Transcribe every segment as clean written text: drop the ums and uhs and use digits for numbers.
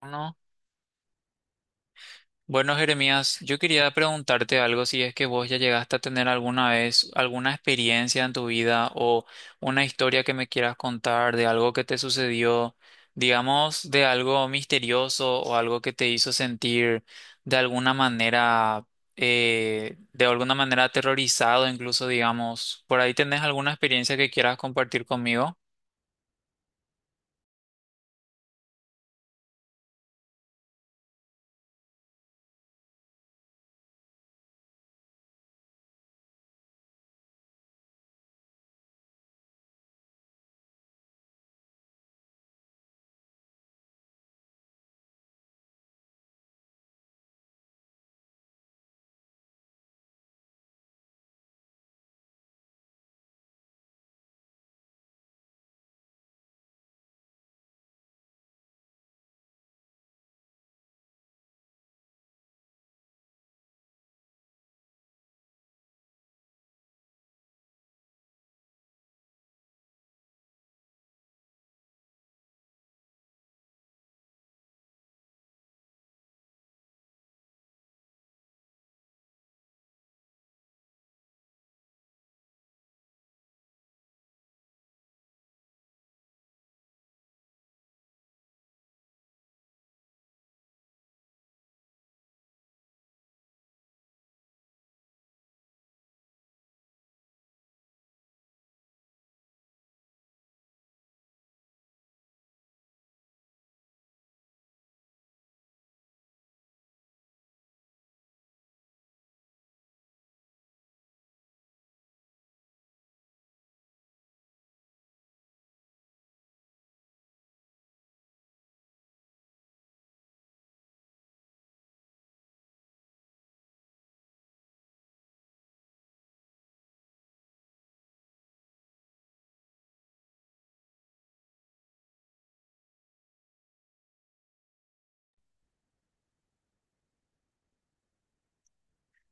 Bueno, bueno, Jeremías, yo quería preguntarte algo, si es que vos ya llegaste a tener alguna vez alguna experiencia en tu vida o una historia que me quieras contar de algo que te sucedió, digamos, de algo misterioso o algo que te hizo sentir de alguna manera, aterrorizado, incluso, digamos, ¿por ahí tenés alguna experiencia que quieras compartir conmigo?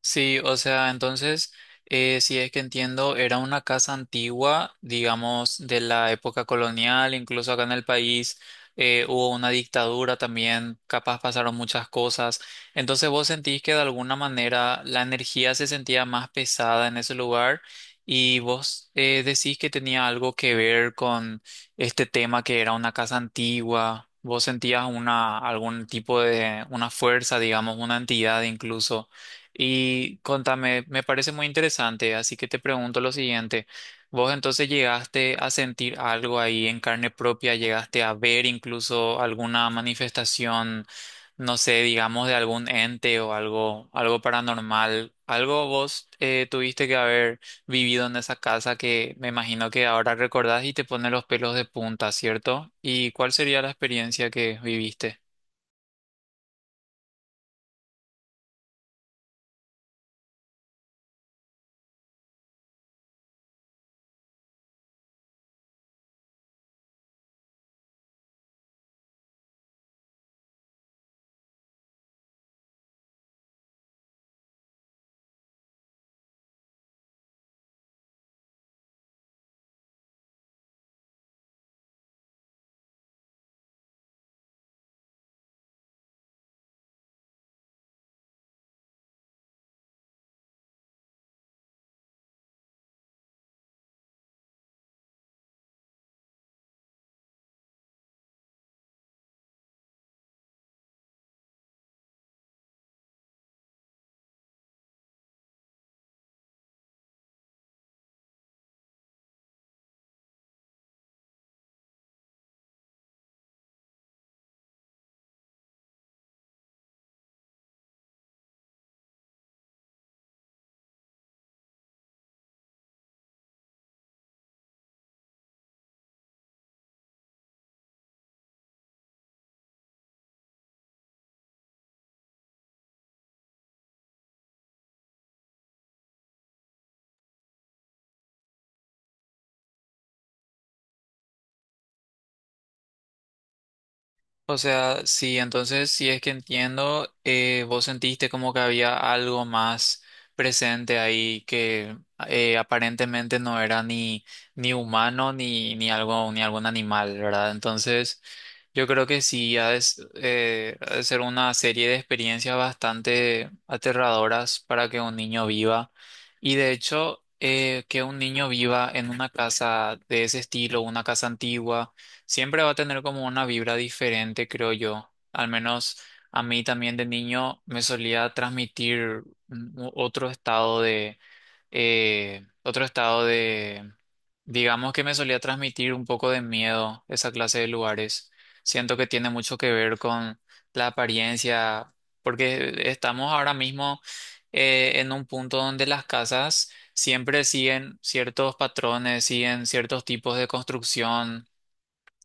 Sí, o sea, entonces, si es que entiendo, era una casa antigua, digamos, de la época colonial, incluso acá en el país hubo una dictadura también, capaz pasaron muchas cosas. Entonces, ¿vos sentís que de alguna manera la energía se sentía más pesada en ese lugar y vos decís que tenía algo que ver con este tema que era una casa antigua? ¿Vos sentías una, algún tipo de, una fuerza, digamos, una entidad incluso? Y contame, me parece muy interesante, así que te pregunto lo siguiente. ¿Vos entonces llegaste a sentir algo ahí en carne propia? ¿Llegaste a ver incluso alguna manifestación, no sé, digamos, de algún ente o algo, algo paranormal? ¿Algo vos tuviste que haber vivido en esa casa que me imagino que ahora recordás y te pone los pelos de punta, cierto? ¿Y cuál sería la experiencia que viviste? O sea, sí, entonces si es que entiendo, vos sentiste como que había algo más presente ahí que aparentemente no era ni, ni humano ni, ni algo, ni algún animal, ¿verdad? Entonces, yo creo que sí, ha de ser una serie de experiencias bastante aterradoras para que un niño viva. Y de hecho, que un niño viva en una casa de ese estilo, una casa antigua siempre va a tener como una vibra diferente, creo yo. Al menos a mí también de niño me solía transmitir otro estado de, otro estado de, digamos que me solía transmitir un poco de miedo esa clase de lugares. Siento que tiene mucho que ver con la apariencia, porque estamos ahora mismo en un punto donde las casas siempre siguen ciertos patrones, siguen ciertos tipos de construcción,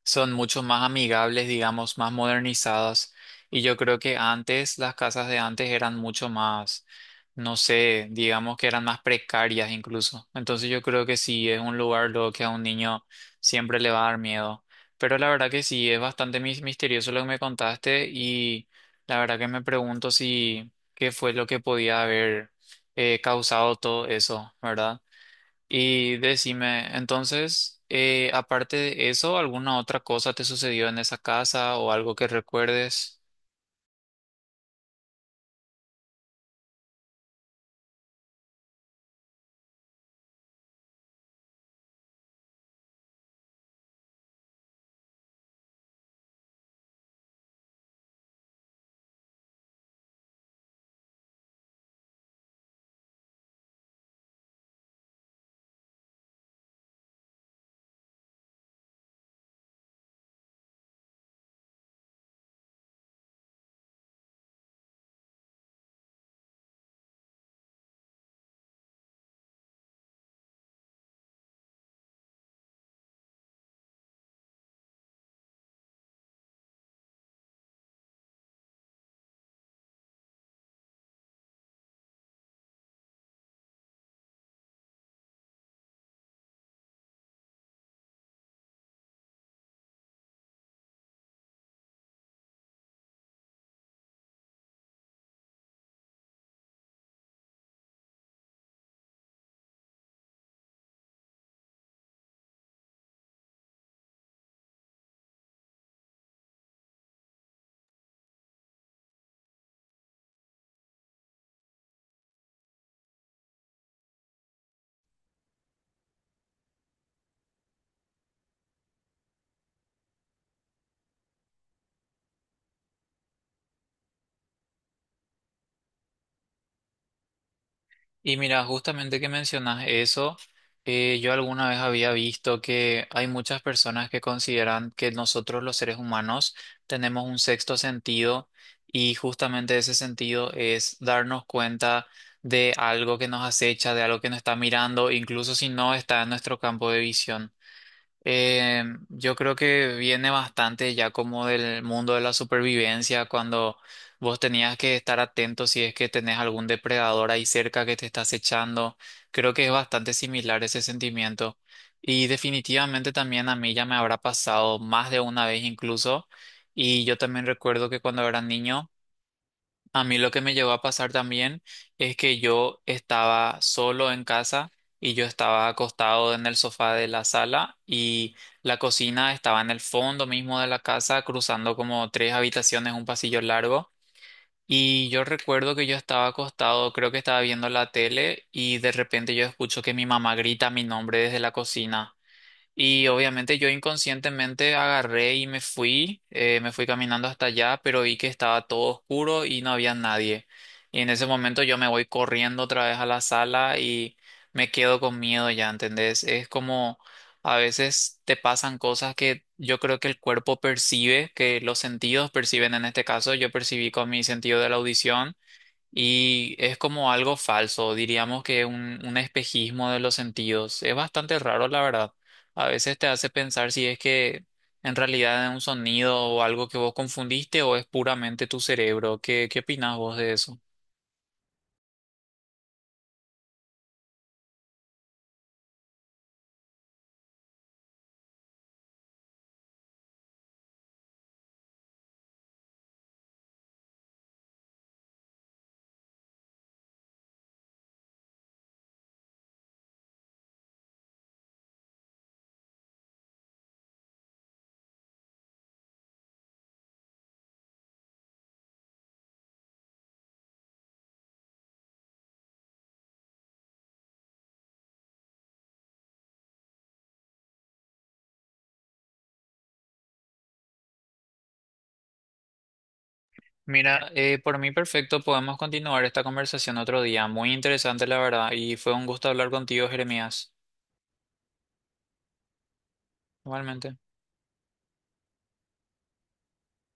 son mucho más amigables, digamos, más modernizadas. Y yo creo que antes, las casas de antes eran mucho más, no sé, digamos que eran más precarias incluso. Entonces yo creo que sí, es un lugar lo que a un niño siempre le va a dar miedo. Pero la verdad que sí, es bastante misterioso lo que me contaste y la verdad que me pregunto si qué fue lo que podía haber causado todo eso, ¿verdad? Y decime, entonces, aparte de eso, ¿alguna otra cosa te sucedió en esa casa o algo que recuerdes? Y mira, justamente que mencionas eso, yo alguna vez había visto que hay muchas personas que consideran que nosotros los seres humanos tenemos un sexto sentido y justamente ese sentido es darnos cuenta de algo que nos acecha, de algo que nos está mirando, incluso si no está en nuestro campo de visión. Yo creo que viene bastante ya como del mundo de la supervivencia, cuando vos tenías que estar atento si es que tenés algún depredador ahí cerca que te está acechando. Creo que es bastante similar ese sentimiento. Y definitivamente también a mí ya me habrá pasado más de una vez incluso. Y yo también recuerdo que cuando era niño a mí lo que me llegó a pasar también es que yo estaba solo en casa y yo estaba acostado en el sofá de la sala y la cocina estaba en el fondo mismo de la casa, cruzando como tres habitaciones, un pasillo largo. Y yo recuerdo que yo estaba acostado, creo que estaba viendo la tele y de repente yo escucho que mi mamá grita mi nombre desde la cocina. Y obviamente yo inconscientemente agarré y me fui caminando hasta allá, pero vi que estaba todo oscuro y no había nadie. Y en ese momento yo me voy corriendo otra vez a la sala y me quedo con miedo ya, ¿entendés? Es como a veces te pasan cosas que yo creo que el cuerpo percibe, que los sentidos perciben en este caso. Yo percibí con mi sentido de la audición y es como algo falso, diríamos que un espejismo de los sentidos. Es bastante raro, la verdad. A veces te hace pensar si es que en realidad es un sonido o algo que vos confundiste o es puramente tu cerebro. ¿Qué, qué opinás vos de eso? Mira, por mí perfecto, podemos continuar esta conversación otro día. Muy interesante, la verdad, y fue un gusto hablar contigo, Jeremías. Igualmente.